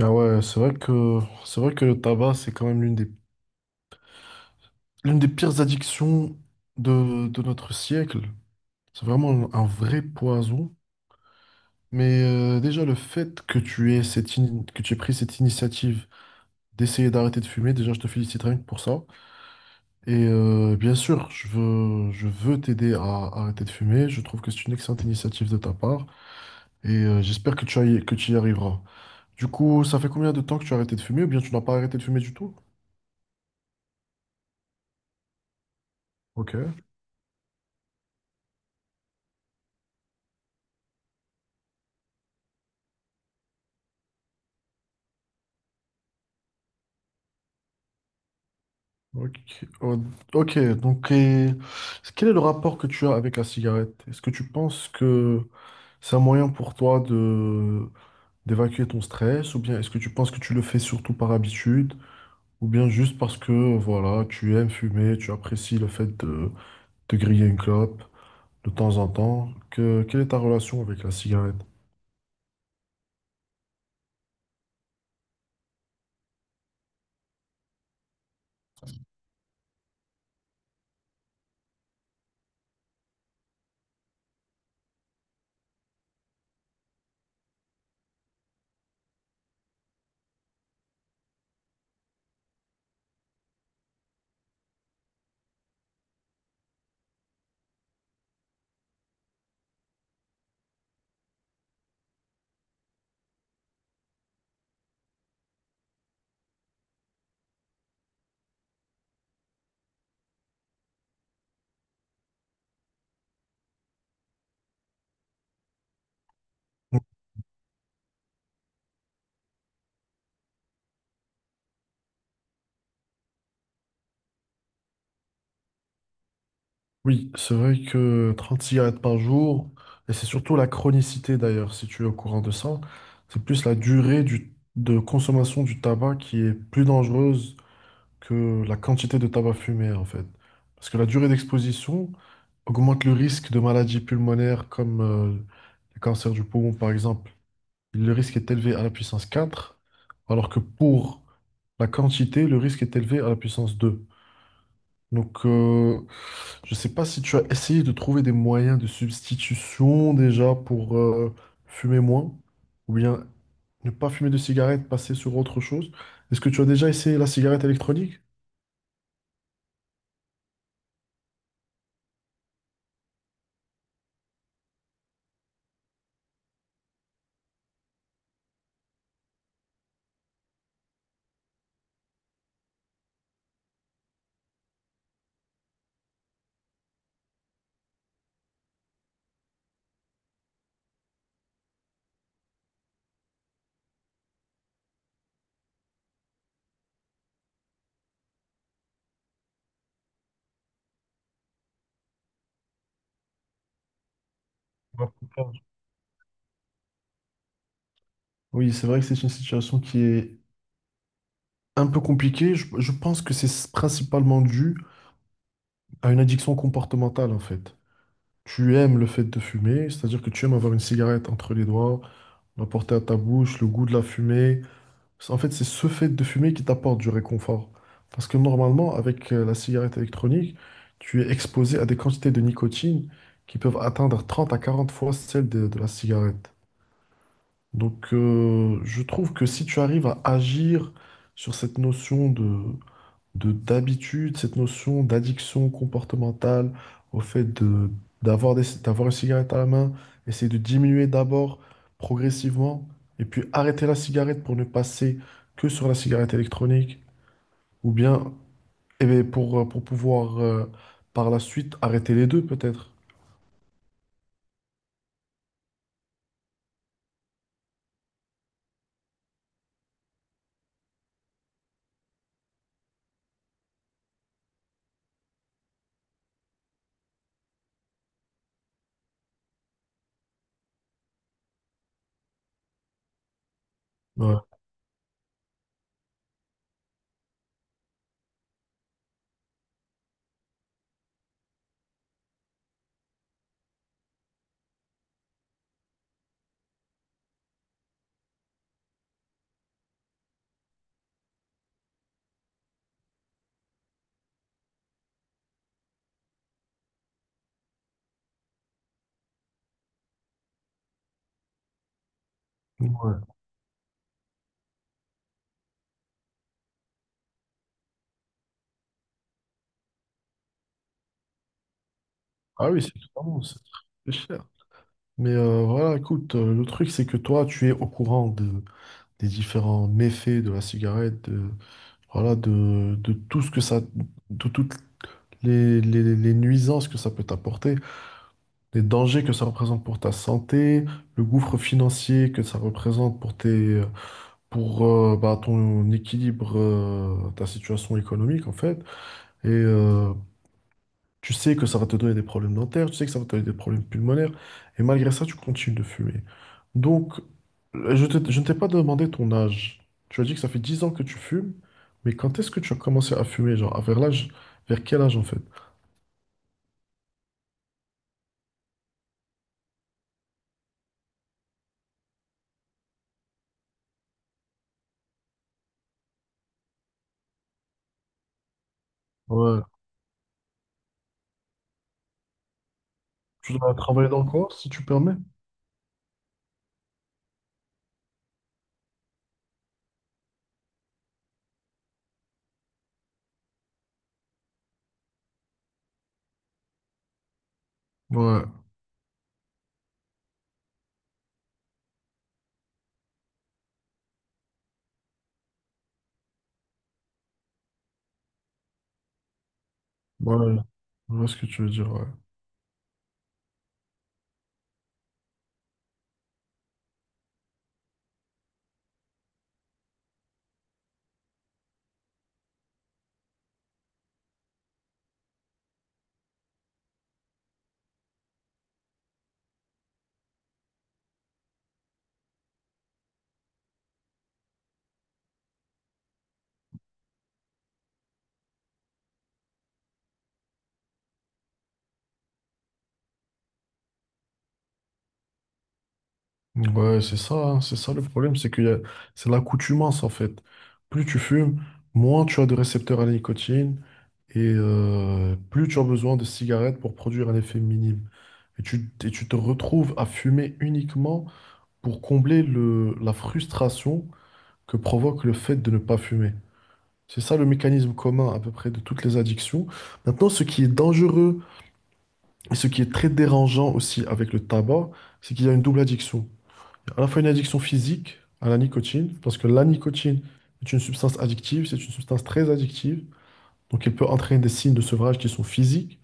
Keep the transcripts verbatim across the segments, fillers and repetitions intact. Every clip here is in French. Ah ouais, c'est vrai que c'est vrai que le tabac, c'est quand même l'une des l'une des pires addictions de, de notre siècle. C'est vraiment un vrai poison. Mais euh, déjà le fait que tu aies cette ini- que tu aies pris cette initiative d'essayer d'arrêter de fumer, déjà je te félicite rien que pour ça. Et euh, bien sûr, je veux je veux t'aider à arrêter de fumer. Je trouve que c'est une excellente initiative de ta part et euh, j'espère que tu ailles- que tu y arriveras. Du coup, ça fait combien de temps que tu as arrêté de fumer ou bien tu n'as pas arrêté de fumer du tout? Ok. Ok. Oh, ok. Donc et quel est le rapport que tu as avec la cigarette? Est-ce que tu penses que c'est un moyen pour toi de d'évacuer ton stress, ou bien est-ce que tu penses que tu le fais surtout par habitude, ou bien juste parce que voilà, tu aimes fumer, tu apprécies le fait de, de griller une clope de temps en temps? Que, quelle est ta relation avec la cigarette? Oui, c'est vrai que trente cigarettes par jour, et c'est surtout la chronicité d'ailleurs, si tu es au courant de ça, c'est plus la durée du- de consommation du tabac qui est plus dangereuse que la quantité de tabac fumé en fait. Parce que la durée d'exposition augmente le risque de maladies pulmonaires comme euh, le cancer du poumon par exemple. Le risque est élevé à la puissance quatre, alors que pour la quantité, le risque est élevé à la puissance deux. Donc, euh, je sais pas si tu as essayé de trouver des moyens de substitution déjà pour euh, fumer moins, ou bien ne pas fumer de cigarette, passer sur autre chose. Est-ce que tu as déjà essayé la cigarette électronique? Ouais, pourquoi Oui, c'est vrai que c'est une situation qui est un peu compliquée. Je, je pense que c'est principalement dû à une addiction comportementale, en fait. Tu aimes le fait de fumer, c'est-à-dire que tu aimes avoir une cigarette entre les doigts, la porter à ta bouche, le goût de la fumée. C'est- En fait, c'est ce fait de fumer qui t'apporte du réconfort. Parce que normalement, avec euh, la cigarette électronique, tu es exposé à des quantités de nicotine qui peuvent atteindre trente à quarante fois celles de, de la cigarette. Donc, euh, je trouve que si tu arrives à agir sur cette notion de, de d'habitude, cette notion d'addiction comportementale au fait de d'avoir des, d'avoir une cigarette à la main, essayer de diminuer d'abord progressivement et puis arrêter la cigarette pour ne passer que sur la cigarette électronique ou bien eh bien, pour, euh, pour pouvoir euh, par la suite arrêter les deux peut-être. Ouais. Ouais. Ah oui, c'est vraiment- c'est très cher. Mais euh, voilà, écoute, euh, le truc c'est que toi, tu es au courant de, des différents méfaits de la cigarette, de, voilà, de, de tout ce que ça, de toutes les, les- les nuisances que ça peut t'apporter, les dangers que ça représente pour ta santé, le gouffre financier que ça représente pour tes, pour euh, bah, ton équilibre, euh, ta situation économique en fait, et euh, tu sais que ça va te donner des problèmes dentaires, tu sais que ça va te donner des problèmes pulmonaires, et malgré ça, tu continues de fumer. Donc, euh, je te- je ne t'ai pas demandé ton âge. Tu as dit que ça fait dix ans que tu fumes, mais quand est-ce que tu as commencé à fumer, genre, à vers l'âge, vers quel âge en fait? Ouais. Tu dois travailler dans le corps, si tu permets? Ouais, ouais, je vois ce que tu veux dire, ouais. Ouais, c'est ça, hein, c'est ça le problème, c'est qu'il y a, c'est l'accoutumance en fait. Plus tu fumes, moins tu as de récepteurs à la nicotine, et euh, plus tu as besoin de cigarettes pour produire un effet minime. Et tu, et tu te retrouves à fumer uniquement pour combler le, la frustration que provoque le fait de ne pas fumer. C'est ça le mécanisme commun à peu près de toutes les addictions. Maintenant, ce qui est dangereux et ce qui est très dérangeant aussi avec le tabac, c'est qu'il y a une double addiction. À la fois une addiction physique à la nicotine, parce que la nicotine est une substance addictive, c'est une substance très addictive, donc elle peut entraîner des signes de sevrage qui sont physiques.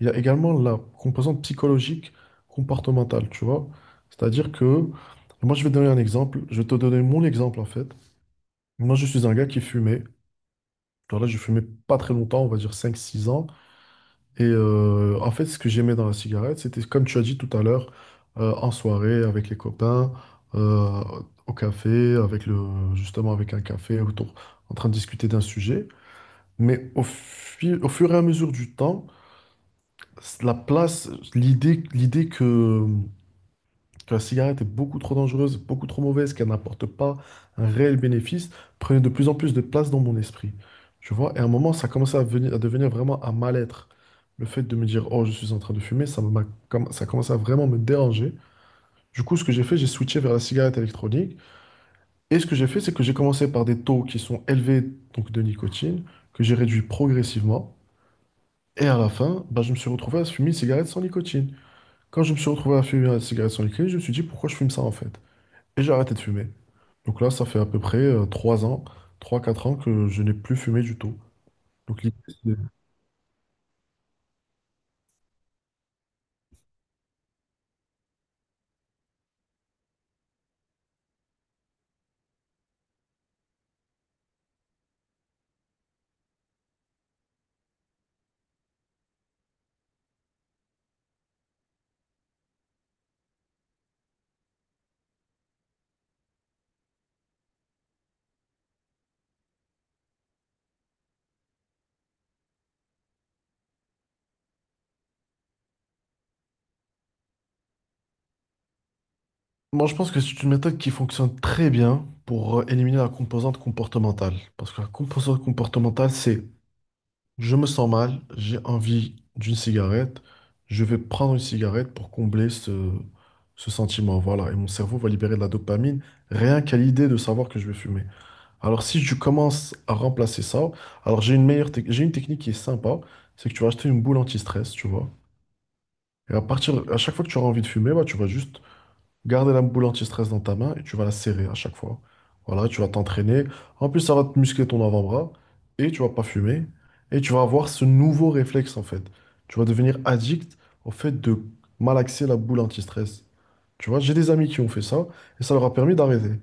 Il y a également la composante psychologique comportementale, tu vois. C'est-à-dire que, moi je vais te donner un exemple, je vais te donner mon exemple en fait. Moi je suis un gars qui fumait, alors là je fumais pas très longtemps, on va dire cinq six ans. Et euh, en fait ce que j'aimais dans la cigarette, c'était comme tu as dit tout à l'heure, euh, en soirée avec les copains, euh, au café, avec le, justement avec un café, autour, en train de discuter d'un sujet. Mais au, fi- au fur et à mesure du temps, la place, l'idée, l'idée que que la cigarette est beaucoup trop dangereuse, beaucoup trop mauvaise, qu'elle n'apporte pas un réel bénéfice, prenait de plus en plus de place dans mon esprit. Tu vois, et à un moment, ça commençait à, venir- à devenir vraiment un mal-être. Le fait de me dire, oh, je suis en train de fumer, ça m'a, comm- ça commençait à vraiment me déranger. Du coup, ce que j'ai fait, j'ai switché vers la cigarette électronique. Et ce que j'ai fait, c'est que j'ai commencé par des taux qui sont élevés donc de nicotine, que j'ai réduit progressivement. Et à la fin, bah, je me suis retrouvé à fumer une cigarette sans nicotine. Quand je me suis retrouvé à fumer une cigarette sans nicotine, je me suis dit, pourquoi je fume ça en fait? Et j'ai arrêté de fumer. Donc là, ça fait à peu près euh, trois ans, trois quatre ans que je n'ai plus fumé du tout. Donc, l'idée, c'est- moi, je pense que c'est une méthode qui fonctionne très bien pour euh, éliminer la composante comportementale. Parce que la composante comportementale, c'est je me sens mal, j'ai envie d'une cigarette, je vais prendre une cigarette pour combler ce, ce sentiment. Voilà. Et mon cerveau va libérer de la dopamine rien qu'à l'idée de savoir que je vais fumer. Alors, si je commence à remplacer ça, alors j'ai une meilleure, tec- j'ai une technique qui est sympa, c'est que tu vas acheter une boule anti-stress, tu vois. Et à partir, à chaque fois que tu auras envie de fumer, bah, tu vas juste garder la boule anti-stress dans ta main et tu vas la serrer à chaque fois. Voilà, tu vas t'entraîner. En plus, ça va te muscler ton avant-bras et tu vas pas fumer. Et tu vas avoir ce nouveau réflexe en fait. Tu vas devenir addict au fait de malaxer la boule anti-stress. Tu vois, j'ai des amis qui ont fait ça et ça leur a permis d'arrêter.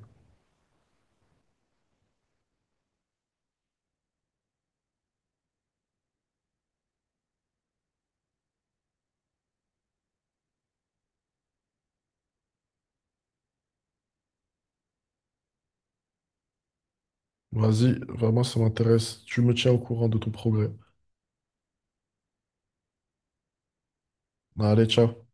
Vas-y, vraiment, ça m'intéresse. Tu me tiens au courant de ton progrès. Allez, ciao.